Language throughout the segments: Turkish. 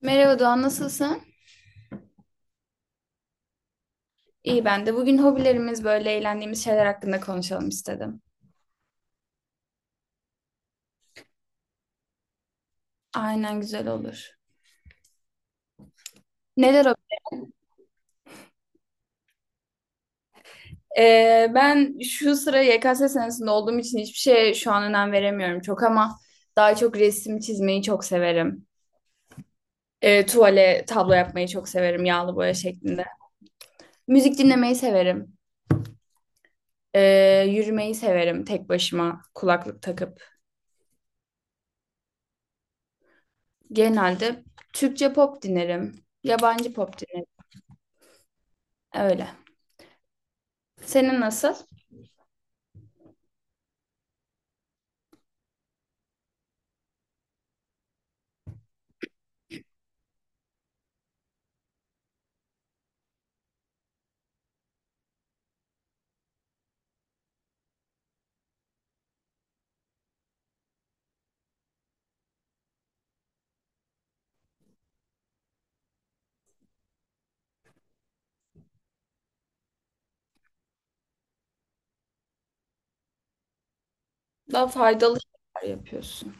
Merhaba Doğan, nasılsın? İyi ben de. Bugün hobilerimiz böyle eğlendiğimiz şeyler hakkında konuşalım istedim. Aynen güzel olur. Neler hobi? Ben şu sıra YKS senesinde olduğum için hiçbir şeye şu an önem veremiyorum çok ama daha çok resim çizmeyi çok severim. Tuvale tablo yapmayı çok severim yağlı boya şeklinde. Müzik dinlemeyi severim. Yürümeyi severim tek başıma kulaklık takıp. Genelde Türkçe pop dinlerim. Yabancı pop dinlerim. Öyle. Senin nasıl? Daha faydalı şeyler yapıyorsun.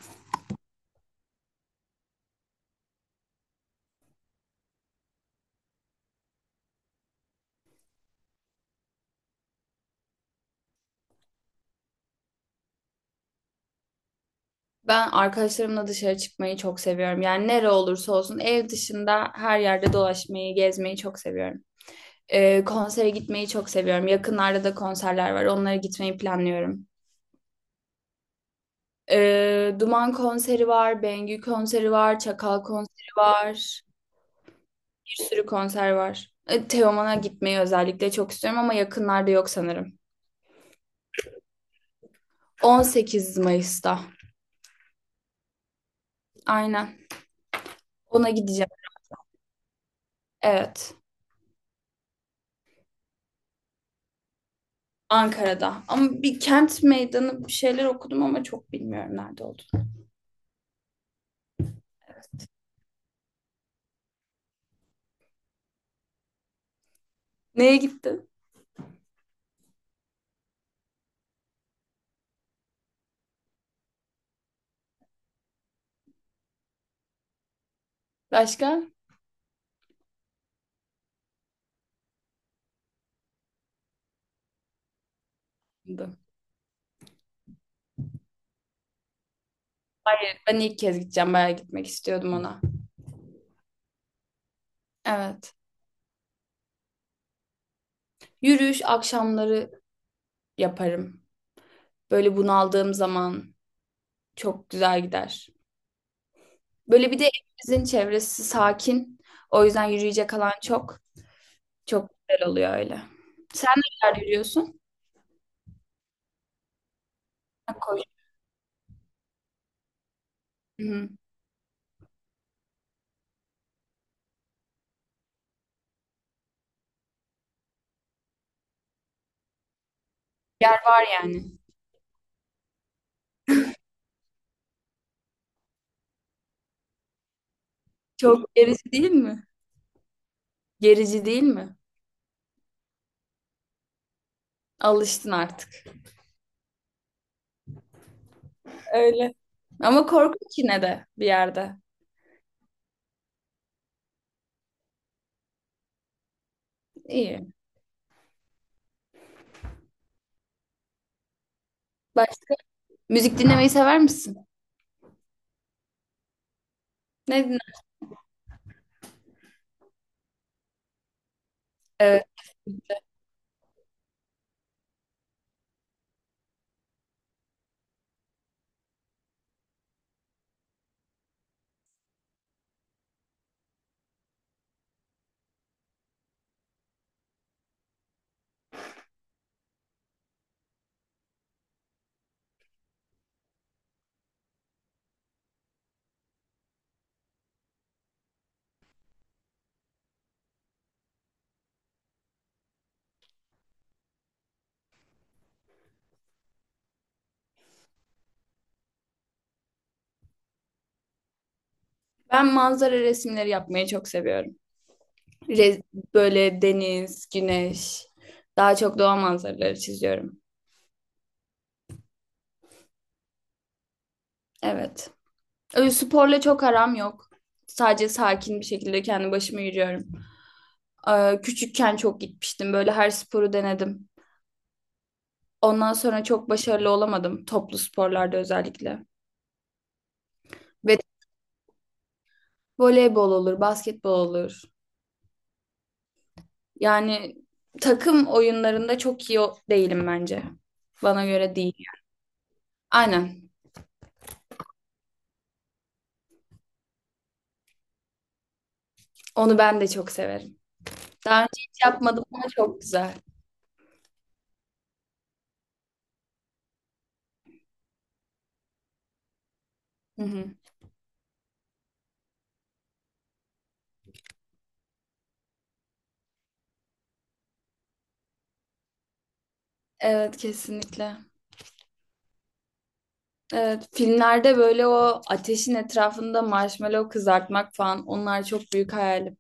Ben arkadaşlarımla dışarı çıkmayı çok seviyorum. Yani nere olursa olsun ev dışında her yerde dolaşmayı, gezmeyi çok seviyorum. Konsere gitmeyi çok seviyorum. Yakınlarda da konserler var. Onlara gitmeyi planlıyorum. Duman konseri var, Bengü konseri var, Çakal konseri var. Bir sürü konser var. Teoman'a gitmeyi özellikle çok istiyorum ama yakınlarda yok sanırım. 18 Mayıs'ta. Aynen. Ona gideceğim. Evet. Ankara'da. Ama bir kent meydanı bir şeyler okudum ama çok bilmiyorum nerede oldu. Neye gittin? Başka? Hayır, ben ilk kez gideceğim. Bayağı gitmek istiyordum ona. Evet. Yürüyüş akşamları yaparım. Böyle bunaldığım zaman çok güzel gider. Böyle bir de evimizin çevresi sakin. O yüzden yürüyecek alan çok. Çok güzel oluyor öyle. Sen nerelerde yürüyorsun? Ha, koş. Hı-hı. Yer var yani. Çok gerici değil mi? Gerici değil mi? Alıştın artık. Öyle. Ama korkunç yine de bir yerde. İyi. Başka? Müzik dinlemeyi sever misin? Ne dinler? Evet. Ben manzara resimleri yapmayı çok seviyorum. Re- böyle deniz, güneş, daha çok doğa manzaraları çiziyorum. Evet. Öyle sporla çok aram yok. Sadece sakin bir şekilde kendi başıma yürüyorum. Küçükken çok gitmiştim. Böyle her sporu denedim. Ondan sonra çok başarılı olamadım. Toplu sporlarda özellikle. Ve voleybol olur, basketbol olur. Yani takım oyunlarında çok iyi değilim bence. Bana göre değil. Aynen. Onu ben de çok severim. Daha önce hiç yapmadım ama çok güzel. Hı hı. Evet, kesinlikle. Evet, filmlerde böyle o ateşin etrafında marshmallow kızartmak falan onlar çok büyük hayalim.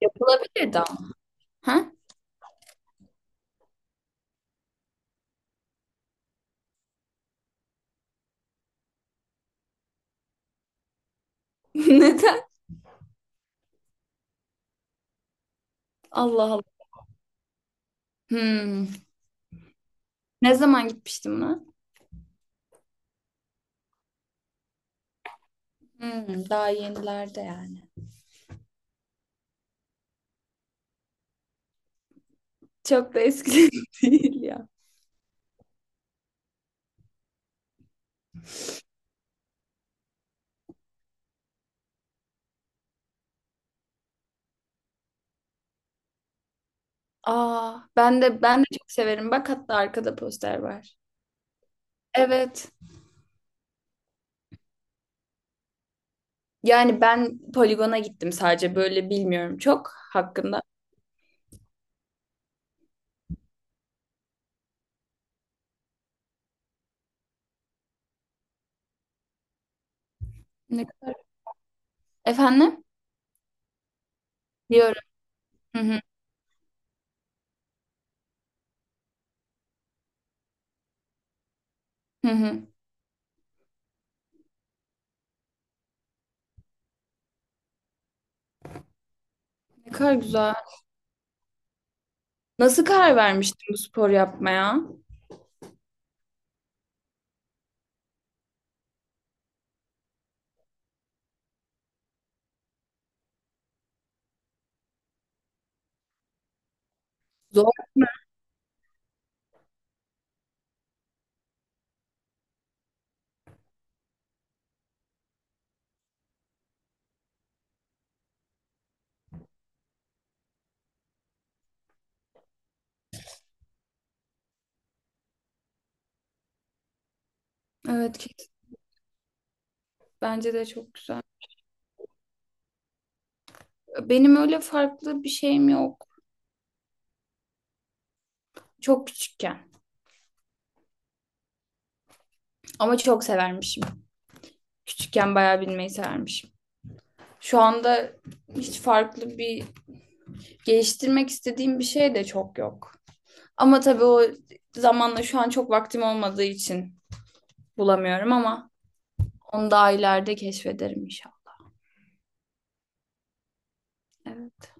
Yapılabilirdi ama. Ha? Neden? Allah Allah. Hmm. Ne zaman gitmiştim lan? Hmm, daha yenilerde yani. Çok da eski değil ya. Aa, ben de çok severim. Bak hatta arkada poster var. Evet. Yani ben poligona gittim sadece böyle bilmiyorum çok hakkında. Ne kadar? Efendim? Diyorum. Hı hı. Hı hı. Ne kadar güzel. Nasıl karar vermiştin bu spor yapmaya? Zor mu? Evet, kesin, bence de çok güzel. Benim öyle farklı bir şeyim yok. Çok küçükken. Ama çok severmişim. Küçükken bayağı bilmeyi severmişim. Şu anda hiç farklı bir geliştirmek istediğim bir şey de çok yok. Ama tabii o zamanla şu an çok vaktim olmadığı için bulamıyorum ama onu daha ileride keşfederim inşallah. Evet.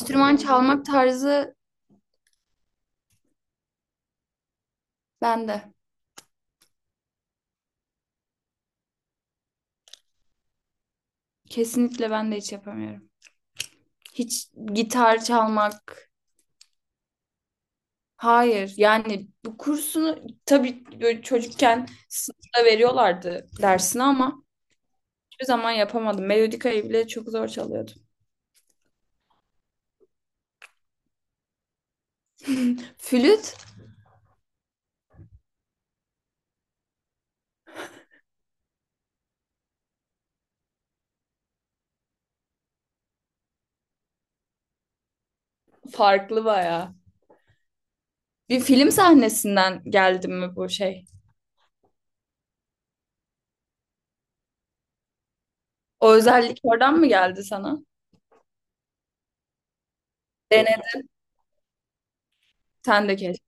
Enstrüman çalmak tarzı bende. Kesinlikle ben de hiç yapamıyorum. Hiç gitar çalmak. Hayır. Yani bu kursunu tabii böyle çocukken sınıfta veriyorlardı dersini ama hiçbir zaman yapamadım. Melodikayı bile çok zor çalıyordum. Flüt farklı bayağı. Bir film sahnesinden geldi mi bu şey? O özellik oradan mı geldi sana? Denedim de keşke.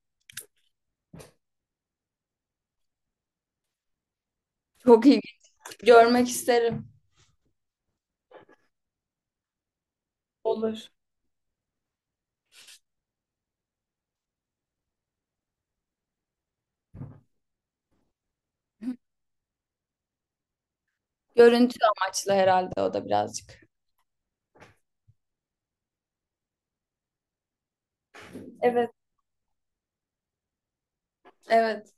Çok iyi. Görmek isterim. Olur. Görüntü amaçlı herhalde o da birazcık. Evet. Evet.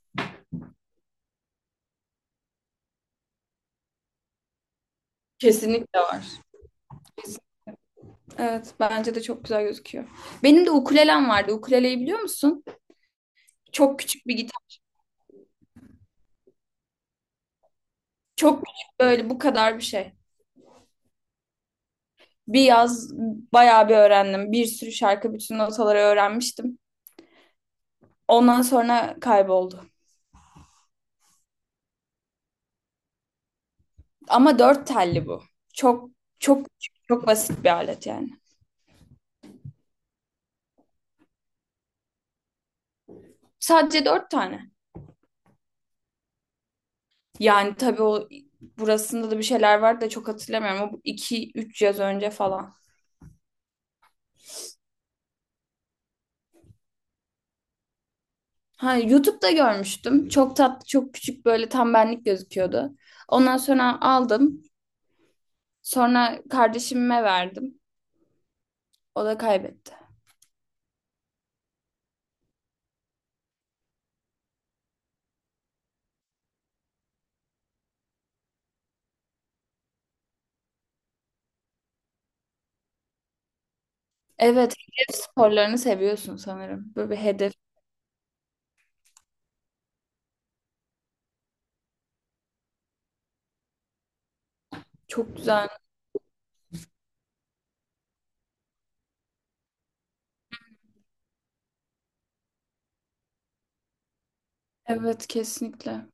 Kesinlikle var. Evet, bence de çok güzel gözüküyor. Benim de ukulelem vardı. Ukuleleyi biliyor musun? Çok küçük bir gitar. Çok küçük böyle bu kadar bir şey. Bir yaz bayağı bir öğrendim. Bir sürü şarkı, bütün notaları öğrenmiştim. Ondan sonra kayboldu. Ama dört telli bu. Çok çok küçük, çok basit bir alet yani. Sadece dört tane. Yani tabii o burasında da bir şeyler var da çok hatırlamıyorum. O iki üç yaz önce falan. Ha, YouTube'da görmüştüm. Çok tatlı, çok küçük böyle tam benlik gözüküyordu. Ondan sonra aldım. Sonra kardeşime verdim. O da kaybetti. Evet, hedef sporlarını seviyorsun sanırım. Böyle bir hedef. Çok güzel. Evet, kesinlikle.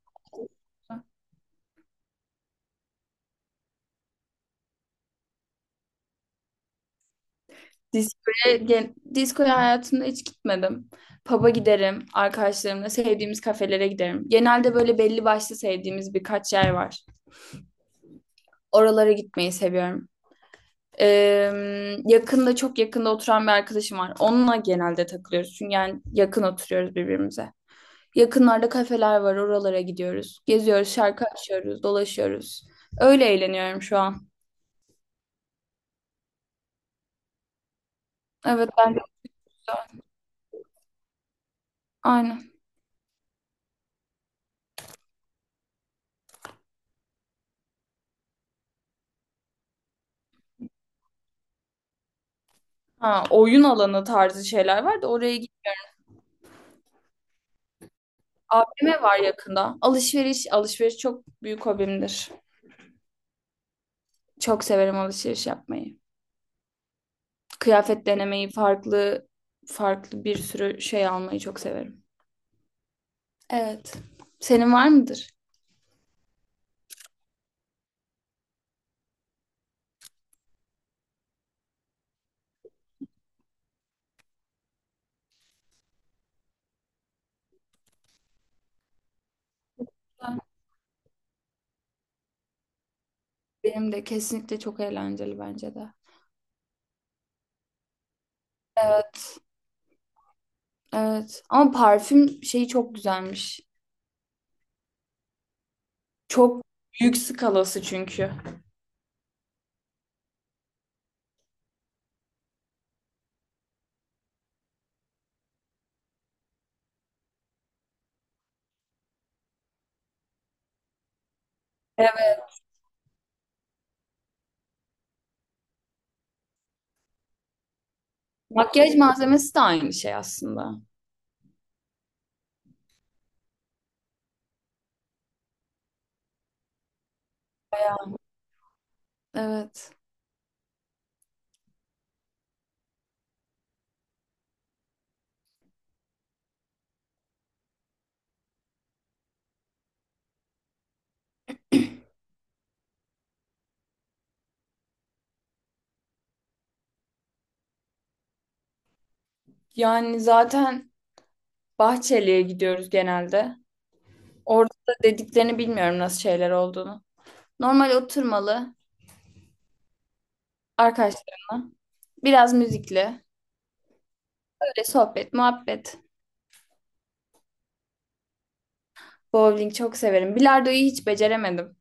Diskoya, diskoya hayatımda hiç gitmedim. Pub'a giderim arkadaşlarımla, sevdiğimiz kafelere giderim. Genelde böyle belli başlı sevdiğimiz birkaç yer var. Oralara gitmeyi seviyorum. Yakında çok yakında oturan bir arkadaşım var. Onunla genelde takılıyoruz. Çünkü yani yakın oturuyoruz birbirimize. Yakınlarda kafeler var, oralara gidiyoruz. Geziyoruz, şarkı açıyoruz, dolaşıyoruz. Öyle eğleniyorum şu an. Evet ben de aynen. Ha, oyun alanı tarzı şeyler var da oraya AVM var yakında. Alışveriş çok büyük hobimdir. Çok severim alışveriş yapmayı. Kıyafet denemeyi, farklı farklı bir sürü şey almayı çok severim. Evet. Senin var mıdır? Benim de kesinlikle çok eğlenceli bence de. Evet. Evet. Ama parfüm şeyi çok güzelmiş. Çok büyük skalası çünkü. Evet. Makyaj malzemesi de aynı şey aslında. Evet. Yani zaten Bahçeli'ye gidiyoruz genelde. Orada da dediklerini bilmiyorum nasıl şeyler olduğunu. Normal oturmalı arkadaşlarımla. Biraz müzikli. Böyle sohbet, muhabbet. Bowling çok severim. Bilardoyu hiç beceremedim.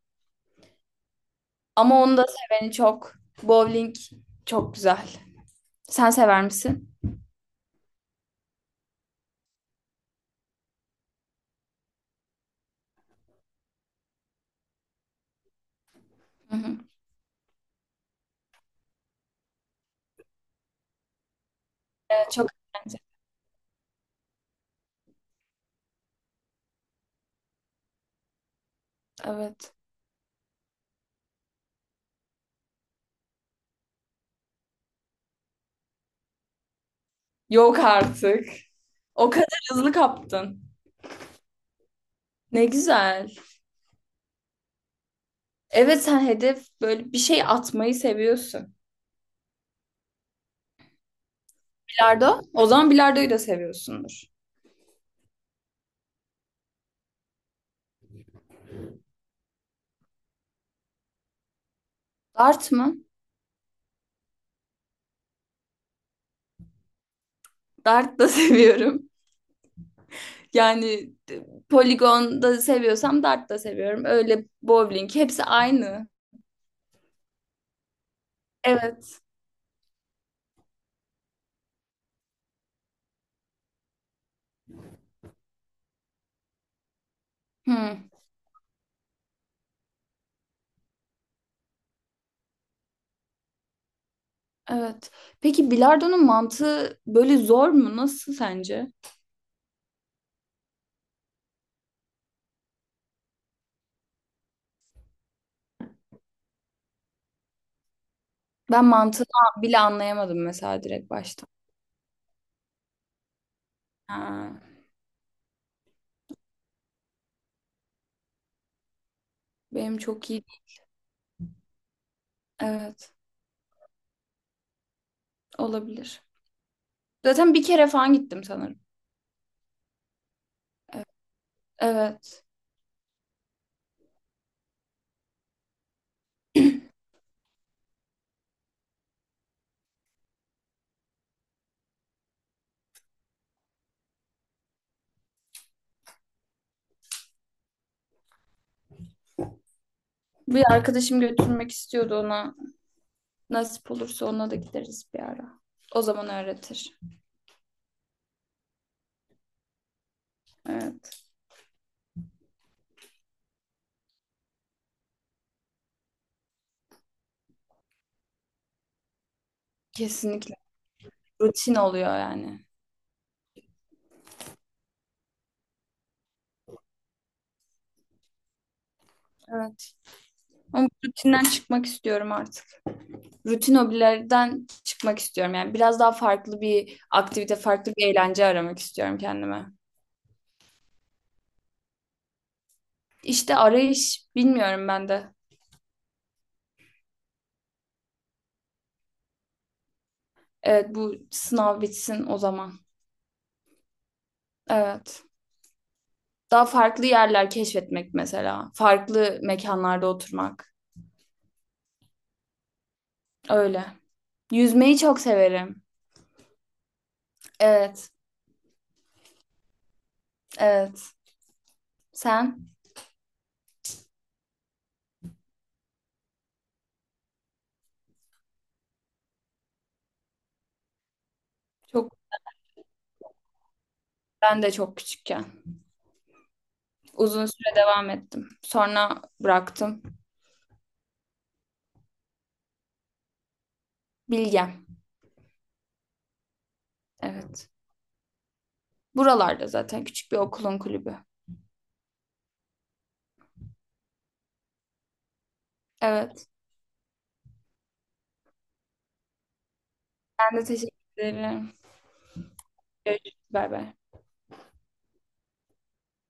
Ama onu da seveni çok. Bowling çok güzel. Sen sever misin? Hı hı. Evet, çok eğlenceli. Evet. Yok artık. O kadar hızlı kaptın. Ne güzel. Evet, sen hedef böyle bir şey atmayı seviyorsun. Bilardo? O zaman bilardoyu da seviyorsundur. Dart mı? Dart da seviyorum. Yani poligon da seviyorsam dart da seviyorum. Öyle bowling hepsi aynı. Evet. Hı, evet. Peki bilardonun mantığı böyle zor mu? Nasıl sence? Ben mantığını bile anlayamadım mesela direkt başta. Ha, benim çok iyi. Evet, olabilir. Zaten bir kere falan gittim sanırım. Evet. Bir arkadaşım götürmek istiyordu ona. Nasip olursa ona da gideriz bir ara. O zaman öğretir. Evet. Kesinlikle. Rutin oluyor yani. Evet. Ama bu rutinden çıkmak istiyorum artık. Rutin hobilerden çıkmak istiyorum. Yani biraz daha farklı bir aktivite, farklı bir eğlence aramak istiyorum kendime. İşte arayış bilmiyorum ben de. Evet, bu sınav bitsin o zaman. Evet. Daha farklı yerler keşfetmek mesela. Farklı mekanlarda oturmak. Öyle. Yüzmeyi çok severim. Evet. Evet. Sen? Çok, ben de çok küçükken. Uzun süre devam ettim. Sonra bıraktım. Bilgem. Evet. Buralarda zaten küçük bir okulun kulübü. Evet. Ben de teşekkür ederim. Görüşürüz. Bay bay.